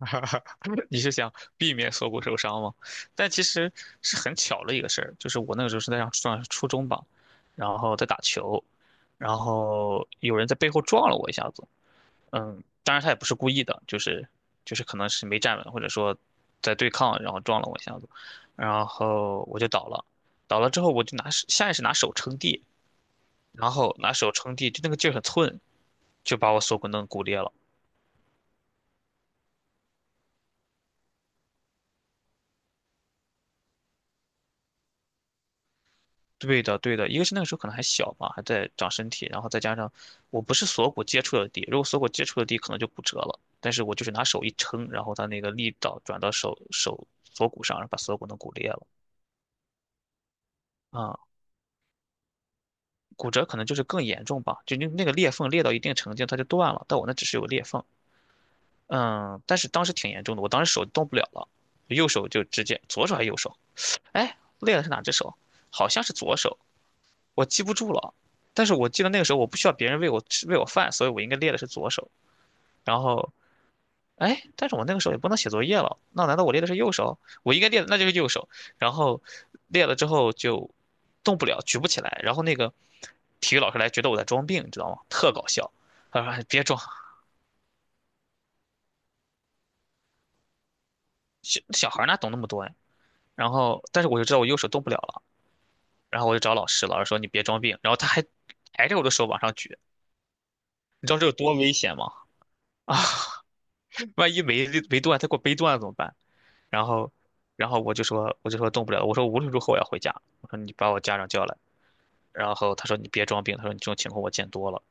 你是想避免锁骨受伤吗？但其实是很巧的一个事儿，就是我那个时候是在上初中吧，然后在打球，然后有人在背后撞了我一下子，嗯，当然他也不是故意的，就是可能是没站稳，或者说在对抗，然后撞了我一下子，然后我就倒了，倒了之后我就拿手下意识拿手撑地，然后拿手撑地，就那个劲儿很寸，就把我锁骨弄骨裂了。对的，对的，一个是那个时候可能还小嘛，还在长身体，然后再加上我不是锁骨接触的地，如果锁骨接触的地可能就骨折了，但是我就是拿手一撑，然后它那个力道转到手锁骨上，然后把锁骨弄骨裂了啊，骨折可能就是更严重吧，就那个裂缝裂到一定程度它就断了，但我那只是有裂缝，嗯，但是当时挺严重的，我当时手动不了了，右手就直接左手还是右手，哎，裂的是哪只手？好像是左手，我记不住了，但是我记得那个时候我不需要别人喂我饭，所以我应该练的是左手。然后，哎，但是我那个时候也不能写作业了，那难道我练的是右手？我应该练的那就是右手。然后练了之后就动不了，举不起来。然后那个体育老师来觉得我在装病，你知道吗？特搞笑。他说哎：“别装，小小孩哪懂那么多呀、然后，但是我就知道我右手动不了了，然后我就找老师，老师说你别装病，然后他还挨着我的手往上举，你知道这有多危险吗？啊！万一没断，他给我背断了怎么办？然后，然后我就说动不了了，我说无论如何我要回家，我说你把我家长叫来，然后他说你别装病，他说你这种情况我见多了，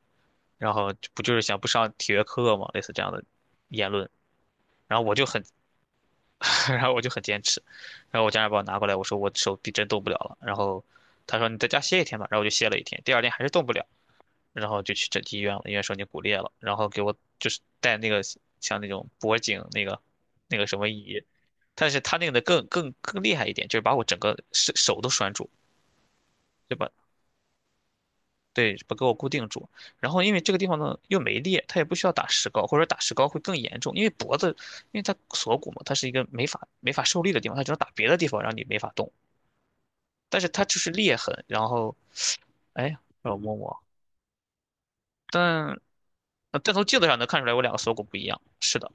然后就不就是想不上体育课嘛，类似这样的言论，然后我就很，然后我就很坚持，然后我家长把我拿过来，我说我手臂真动不了了，然后他说你在家歇一天吧，然后我就歇了一天，第二天还是动不了。然后就去整体医院了，医院说你骨裂了，然后给我就是带那个像那种脖颈那个什么仪，但是他那个的更厉害一点，就是把我整个手都拴住，对吧？对，把给我固定住。然后因为这个地方呢又没裂，他也不需要打石膏，或者说打石膏会更严重，因为脖子，因为它锁骨嘛，它是一个没法受力的地方，它只能打别的地方让你没法动。但是它就是裂痕，然后哎呀让我摸摸，但但从镜子上能看出来我两个锁骨不一样，是的。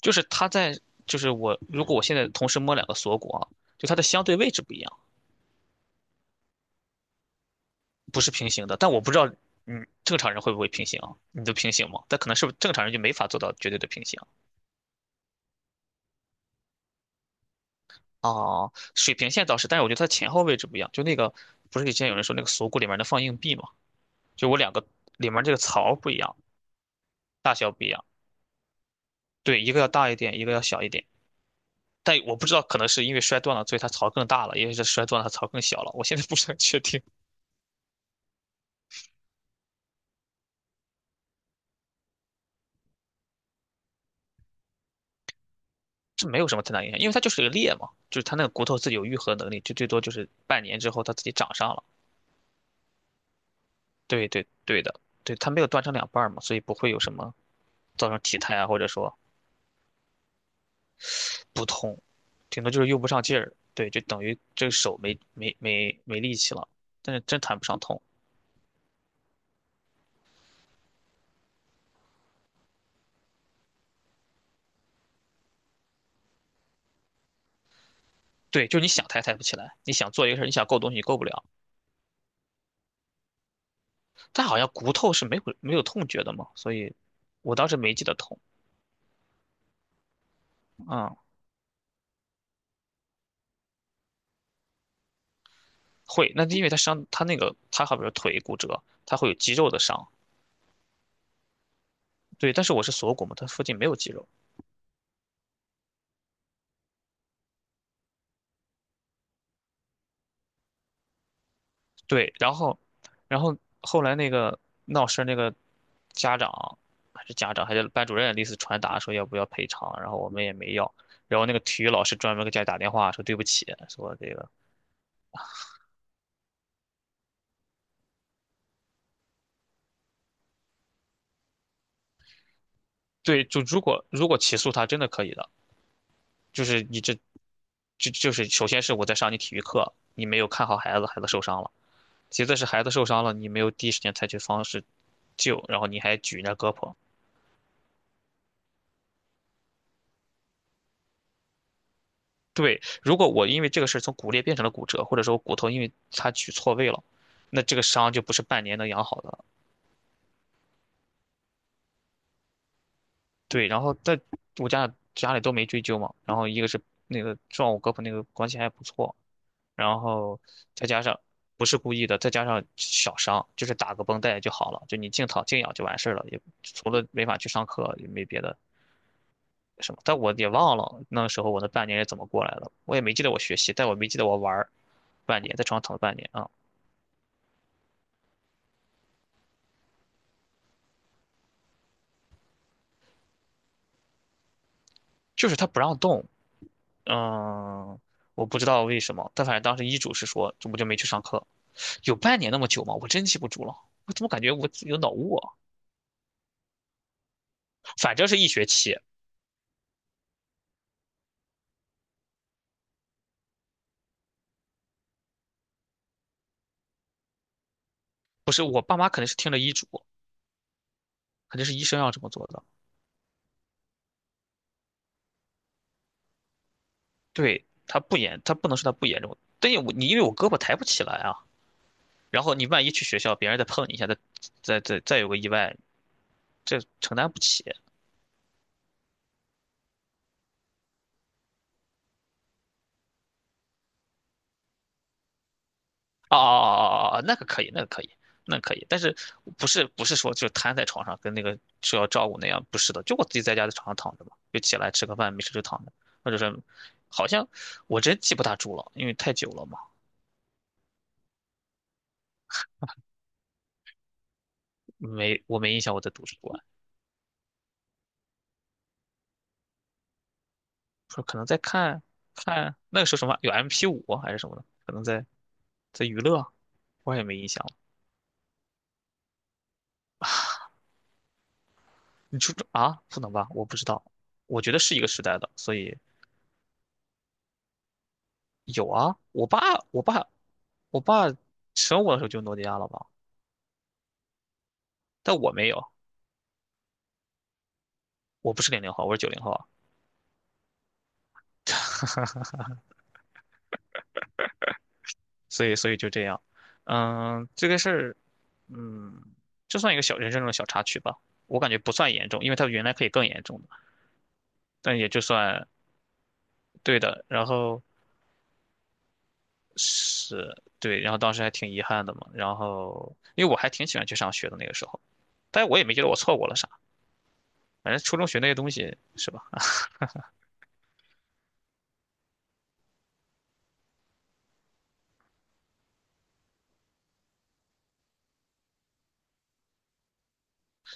就是它在，就是我如果我现在同时摸两个锁骨啊，就它的相对位置不一样，不是平行的。但我不知道，嗯，正常人会不会平行啊？你都平行吗？但可能是不是正常人就没法做到绝对的平行啊。水平线倒是，但是我觉得它前后位置不一样。就那个不是以前有人说那个锁骨里面能放硬币吗？就我两个里面这个槽不一样，大小不一样。对，一个要大一点，一个要小一点。但我不知道，可能是因为摔断了，所以它槽更大了；，因为是摔断了，它槽更小了。我现在不是很确定。这没有什么太大影响，因为它就是个裂嘛，就是它那个骨头自己有愈合能力，就最多就是半年之后它自己长上了。对对对的，对，它没有断成两半儿嘛，所以不会有什么造成体态啊，或者说不痛，顶多就是用不上劲儿。对，就等于这个手没力气了，但是真谈不上痛。对，就是你想抬抬不起来，你想做一个事儿，你想够东西你够不了。但好像骨头是没有痛觉的嘛，所以我当时没记得痛。嗯，会，那因为它伤，它那个它好比说腿骨折，它会有肌肉的伤，对，但是我是锁骨嘛，它附近没有肌肉。对，然后后来那个闹事儿那个家长家长还是班主任，类似传达说要不要赔偿，然后我们也没要。然后那个体育老师专门给家里打电话说对不起，说这个对，就如果起诉他真的可以的，就是你这，就是首先是我在上你体育课，你没有看好孩子，孩子受伤了；其次是孩子受伤了，你没有第一时间采取方式救，然后你还举人家胳膊，对，如果我因为这个事儿从骨裂变成了骨折，或者说我骨头因为它取错位了，那这个伤就不是半年能养好的了。对，然后但我家家里都没追究嘛，然后一个是那个撞我胳膊那个关系还不错，然后再加上不是故意的，再加上小伤，就是打个绷带就好了，就你静躺静养就完事儿了，也除了没法去上课也没别的什么。但我也忘了那时候我那半年是怎么过来的，我也没记得我学习，但我没记得我玩儿半年，在床上躺了半年啊。就是他不让动，嗯，我不知道为什么，但反正当时医嘱是说，我就没去上课，有半年那么久吗？我真记不住了，我怎么感觉我有脑雾啊？反正是一学期，不是我爸妈肯定是听了医嘱，肯定是医生要这么做的。对，他不严，他不能说他不严重，但是我你因为我胳膊抬不起来啊，然后你万一去学校，别人再碰你一下，再有个意外，这承担不起。啊哦哦哦哦，那个可以，那个可以，那可以，但是不是说就瘫在床上跟那个说要照顾那样，不是的，就我自己在家在床上躺着嘛，就起来吃个饭，没事就躺着，或者是好像我真记不大住了，因为太久了嘛，没我没印象我在图书馆，说可能在看看那个时候什么有 MP5啊还是什么的，可能在娱乐，我也没印象了。你初中啊？不能吧？我不知道，我觉得是一个时代的，所以有啊，我爸，我爸生我的时候就诺基亚了吧？但我没有，我不是00后，我是90后啊。所以就这样。嗯，这个事儿，嗯，就算一个小人生中的小插曲吧，我感觉不算严重，因为它原来可以更严重的，但也就算对的。然后是，对，然后当时还挺遗憾的嘛。然后，因为我还挺喜欢去上学的那个时候，但我也没觉得我错过了啥，反正初中学那些东西是吧？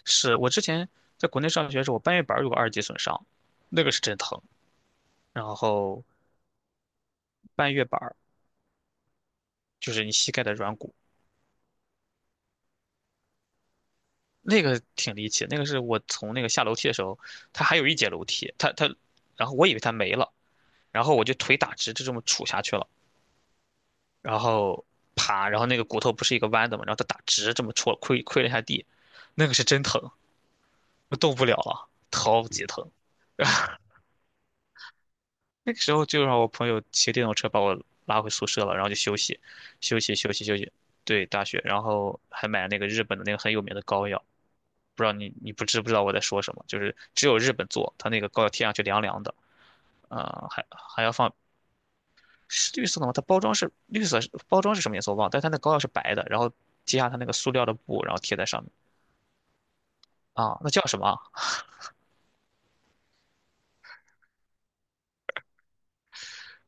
是我之前在国内上学的时候，我半月板儿有个二级损伤，那个是真疼。然后半月板儿就是你膝盖的软骨，那个挺离奇。那个是我从那个下楼梯的时候，它还有一节楼梯，然后我以为它没了，然后我就腿打直，就这么杵下去了，然后爬，然后那个骨头不是一个弯的嘛，然后它打直这么戳，亏了一下地，那个是真疼，我动不了了，超级疼。那个时候就让我朋友骑电动车把我拉回宿舍了，然后就休息，休息，休息，休息。对，大学，然后还买了那个日本的那个很有名的膏药，不知道你不知道我在说什么？就是只有日本做，它那个膏药贴上去凉凉的，还是绿色的吗？它包装是绿色，包装是什么颜色我忘了，但它那膏药是白的，然后揭下它那个塑料的布，然后贴在上面。啊，那叫什么啊？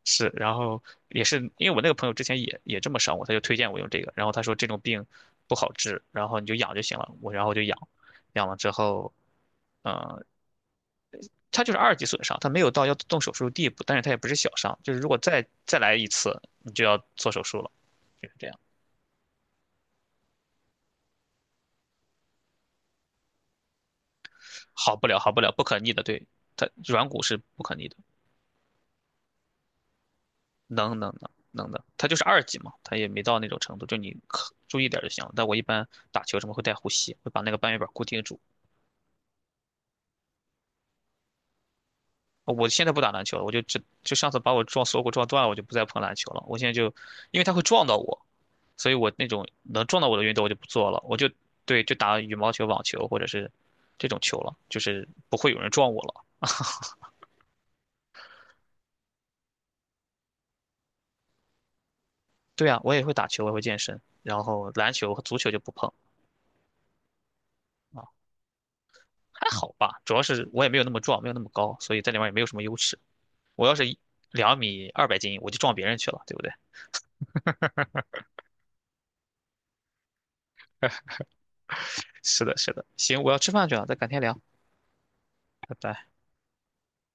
是，然后也是因为我那个朋友之前也这么伤我，他就推荐我用这个，然后他说这种病不好治，然后你就养就行了，我然后我就养，养了之后，呃，他就是二级损伤，他没有到要动手术的地步，但是他也不是小伤，就是如果再来一次，你就要做手术了，就是这样，好不了，好不了，不可逆的，对，他软骨是不可逆的，能的，他就是二级嘛，他也没到那种程度，就你可注意点儿就行了。但我一般打球什么会带护膝，会把那个半月板固定住。可我现在不打篮球了，我就只就上次把我撞锁骨撞断了，我就不再碰篮球了。我现在就，因为它会撞到我，所以我那种能撞到我的运动我就不做了，我就对就打羽毛球、网球或者是这种球了，就是不会有人撞我了。对啊，我也会打球，我也会健身，然后篮球和足球就不碰。啊，还好吧，主要是我也没有那么壮，没有那么高，所以在里面也没有什么优势。我要是2米200斤，我就撞别人去了，对不对？是的，是的，行，我要吃饭去了，咱改天聊，拜拜。